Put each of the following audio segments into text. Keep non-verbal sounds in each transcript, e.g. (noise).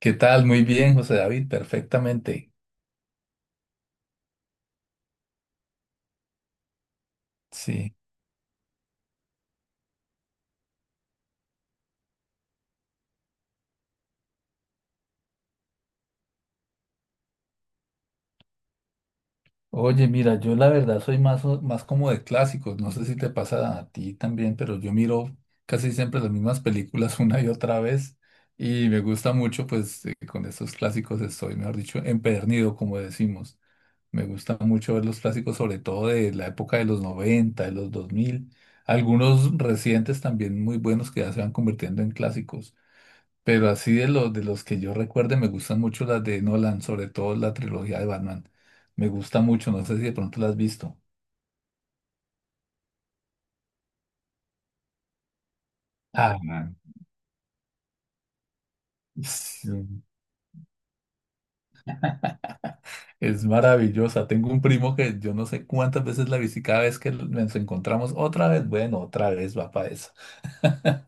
¿Qué tal? Muy bien, José David, perfectamente. Sí. Oye, mira, yo la verdad soy más, más como de clásicos. No sé si te pasa a ti también, pero yo miro casi siempre las mismas películas (laughs) una y otra vez y me gusta mucho, pues con estos clásicos estoy, mejor dicho, empedernido, como decimos. Me gusta mucho ver los clásicos, sobre todo de la época de los 90, de los 2000, algunos recientes también muy buenos que ya se van convirtiendo en clásicos. Pero así de los que yo recuerde, me gustan mucho las de Nolan, sobre todo la trilogía de Batman. Me gusta mucho, no sé si de pronto la has visto. Ah, man, es, es maravillosa. Tengo un primo que yo no sé cuántas veces la vi, si cada vez que nos encontramos, otra vez, bueno, otra vez va para eso. (laughs)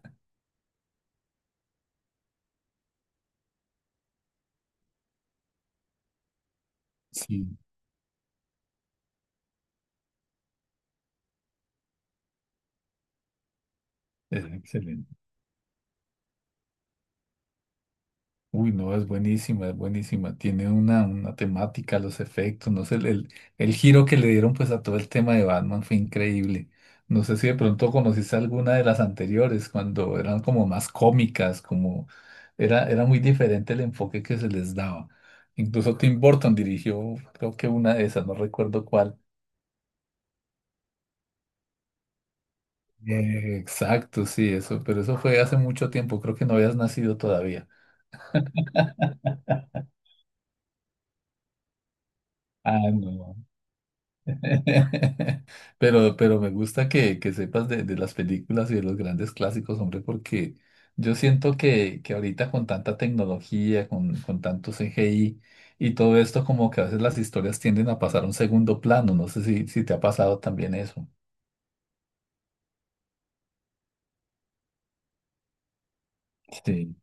Sí, es excelente. Uy, no, es buenísima, es buenísima. Tiene una temática, los efectos, no sé, el giro que le dieron pues a todo el tema de Batman fue increíble. No sé si de pronto conociste alguna de las anteriores, cuando eran como más cómicas, como era muy diferente el enfoque que se les daba. Incluso Tim Burton dirigió, creo que una de esas, no recuerdo cuál. Exacto, sí, eso, pero eso fue hace mucho tiempo, creo que no habías nacido todavía. Ah, no. (laughs) Pero me gusta que, sepas de, las películas y de los grandes clásicos, hombre, porque yo siento que ahorita con tanta tecnología, con tanto CGI y todo esto, como que a veces las historias tienden a pasar a un segundo plano. No sé si te ha pasado también eso. Sí.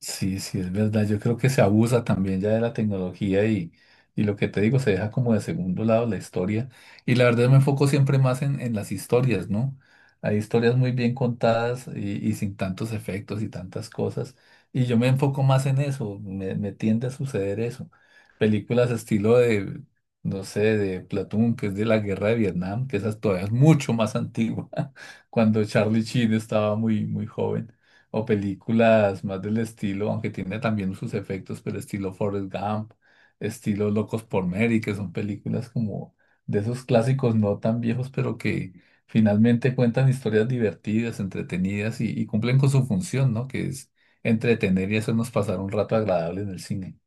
Sí, sí, es verdad. Yo creo que se abusa también ya de la tecnología y lo que te digo, se deja como de segundo lado la historia. Y la verdad me enfoco siempre más en las historias, ¿no? Hay historias muy bien contadas y sin tantos efectos y tantas cosas. Y yo me enfoco más en eso, me tiende a suceder eso. Películas estilo de, no sé, de Platoon, que es de la guerra de Vietnam, que esa todavía es mucho más antigua, (laughs) cuando Charlie Sheen estaba muy, muy joven o películas más del estilo, aunque tiene también sus efectos, pero estilo Forrest Gump, estilo Locos por Mary, que son películas como de esos clásicos no tan viejos, pero que finalmente cuentan historias divertidas, entretenidas y cumplen con su función, ¿no? Que es entretener y hacernos pasar un rato agradable en el cine.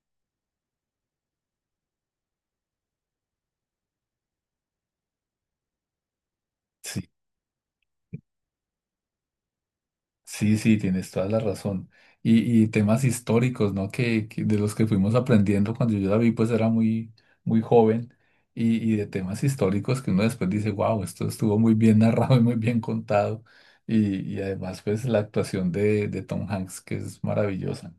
Sí. Sí, sí, tienes toda la razón. Y temas históricos, ¿no? Que, de los que fuimos aprendiendo cuando yo la vi, pues era muy, muy joven. Y de temas históricos que uno después dice, wow, esto estuvo muy bien narrado y muy bien contado. Y además, pues la actuación de, Tom Hanks, que es maravillosa.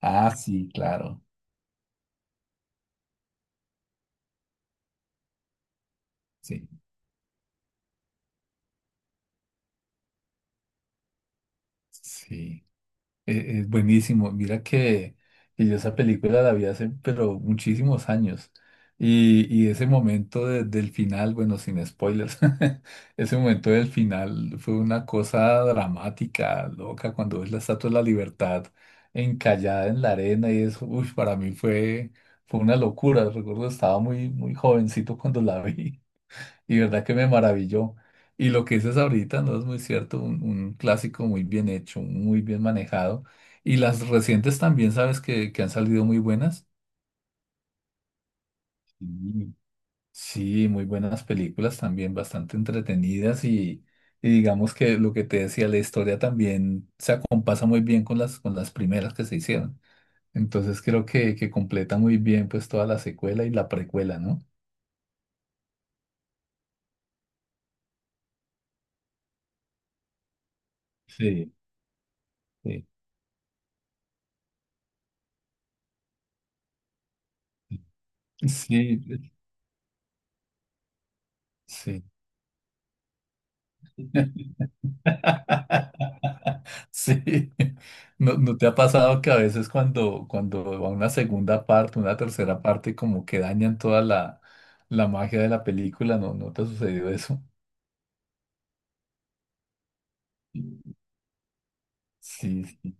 Ah, sí, claro. Sí, sí. Es buenísimo. Mira que, yo esa película la vi hace, pero muchísimos años. Y ese momento del final, bueno, sin spoilers, (laughs) ese momento del final fue una cosa dramática, loca, cuando ves la Estatua de la Libertad encallada en la arena y eso, uy, para mí fue, una locura. Recuerdo, estaba muy, muy jovencito cuando la vi. Y verdad que me maravilló. Y lo que dices ahorita no es muy cierto, un clásico muy bien hecho, muy bien manejado. Y las recientes también, sabes que, han salido muy buenas. Sí. Sí, muy buenas películas también, bastante entretenidas y digamos que lo que te decía, la historia también se acompasa muy bien con las, primeras que se hicieron. Entonces creo que, completa muy bien pues toda la secuela y la precuela, ¿no? Sí, sí. Sí, sí. (laughs) Sí, ¿No, ¿no te ha pasado que a veces cuando, va una segunda parte, una tercera parte, como que dañan toda la magia de la película? ¿No, no te ha sucedido eso? Sí, sí,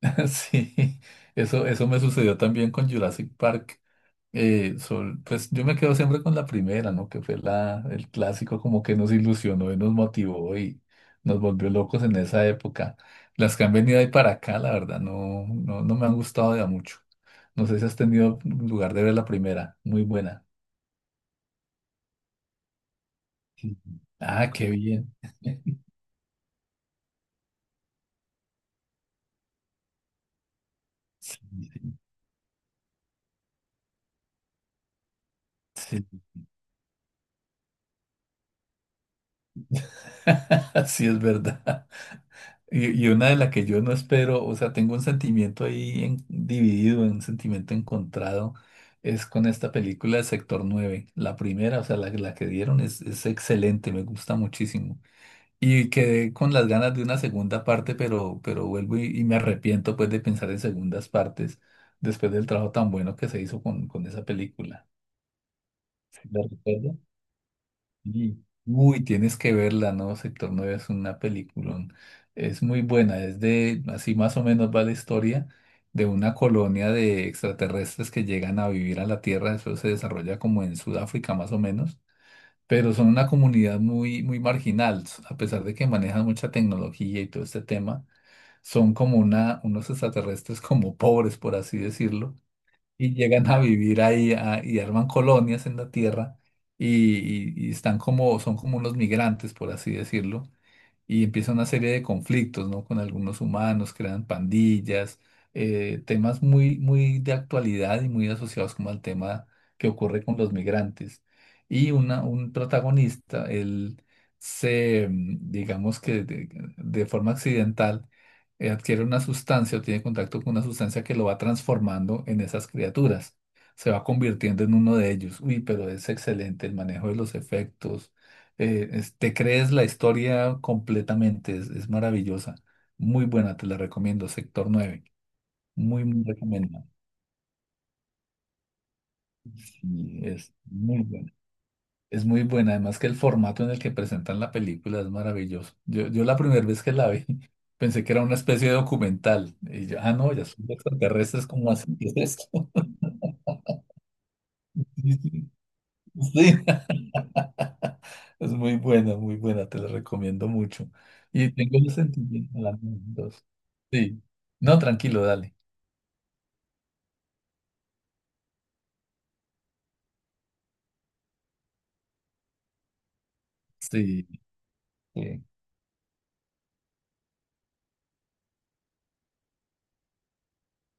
(laughs) sí, eso me sucedió también con Jurassic Park. Pues yo me quedo siempre con la primera, ¿no? Que fue el clásico como que nos ilusionó y nos motivó y nos volvió locos en esa época. Las que han venido ahí para acá, la verdad, no, no, no me han gustado de a mucho. No sé si has tenido lugar de ver la primera, muy buena. Sí, ah, qué bien. (laughs) Sí. Sí, (laughs) sí es verdad. Y una de las que yo no espero, o sea, tengo un sentimiento ahí dividido, un sentimiento encontrado, es con esta película de Sector 9. La primera, o sea, la que dieron es excelente, me gusta muchísimo. Y quedé con las ganas de una segunda parte, pero vuelvo y me arrepiento pues de pensar en segundas partes después del trabajo tan bueno que se hizo con esa película. ¿Me recuerdas? Sí. Uy, tienes que verla, ¿no? Sector 9 es una película. Es muy buena, es de, así más o menos va la historia de una colonia de extraterrestres que llegan a vivir a la Tierra. Eso se desarrolla como en Sudáfrica, más o menos. Pero son una comunidad muy, muy marginal, a pesar de que manejan mucha tecnología y todo este tema. Son como unos extraterrestres como pobres, por así decirlo, y llegan a vivir ahí y arman colonias en la tierra y, y están como, son como unos migrantes, por así decirlo, y empieza una serie de conflictos, ¿no? Con algunos humanos, crean pandillas, temas muy, muy de actualidad y muy asociados como al tema que ocurre con los migrantes. Y un protagonista, él se, digamos que de, forma accidental, adquiere una sustancia o tiene contacto con una sustancia que lo va transformando en esas criaturas. Se va convirtiendo en uno de ellos. Uy, pero es excelente el manejo de los efectos. Te crees la historia completamente, es maravillosa, muy buena, te la recomiendo, Sector 9, muy, muy recomendada, sí, es muy buena, además que el formato en el que presentan la película es maravilloso. Yo la primera vez que la vi (laughs) pensé que era una especie de documental, y yo, ah, no, ya son extraterrestres, ¿cómo así? ¿Qué es esto? (laughs) Sí, sí, (laughs) es muy buena, te la recomiendo mucho. Y tengo el sentimiento de las dos. Sí. No, tranquilo, dale. Sí. eh,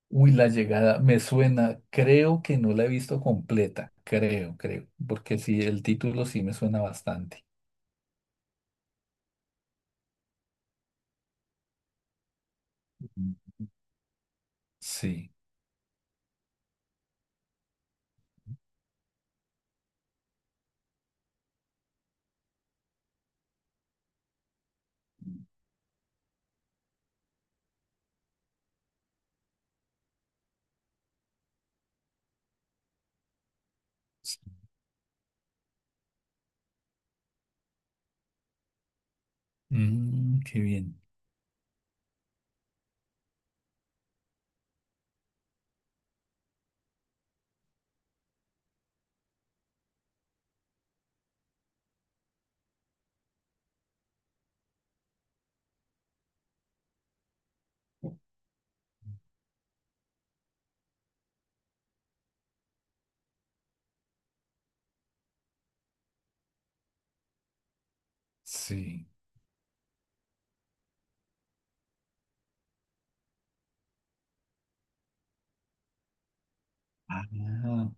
Uy, la llegada me suena, creo que no la he visto completa, creo, creo, porque sí, el título sí me suena bastante. Mm. Sí. Sí. Mm, qué bien. Sí. Ah.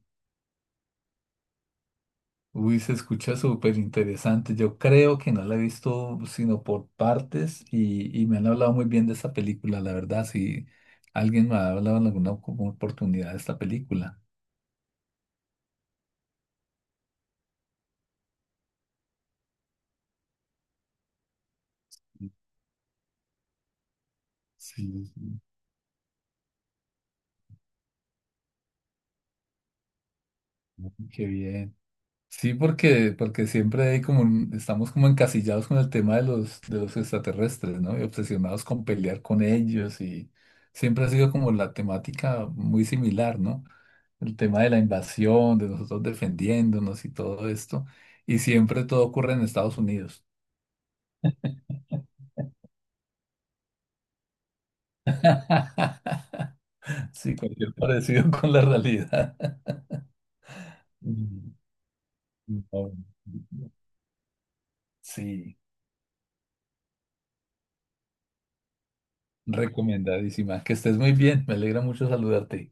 Uy, se escucha súper interesante. Yo creo que no la he visto sino por partes y me han hablado muy bien de esta película, la verdad. Si alguien me ha hablado en alguna como oportunidad de esta película. Sí, sí, qué bien. Sí, porque siempre hay como estamos como encasillados con el tema de los, extraterrestres, ¿no? Y obsesionados con pelear con ellos y siempre ha sido como la temática muy similar, ¿no? El tema de la invasión, de nosotros defendiéndonos y todo esto. Y siempre todo ocurre en Estados Unidos. (laughs) Sí, cualquier parecido con la realidad. Mm, no, sí, recomendadísima. Que estés muy bien. Me alegra mucho saludarte.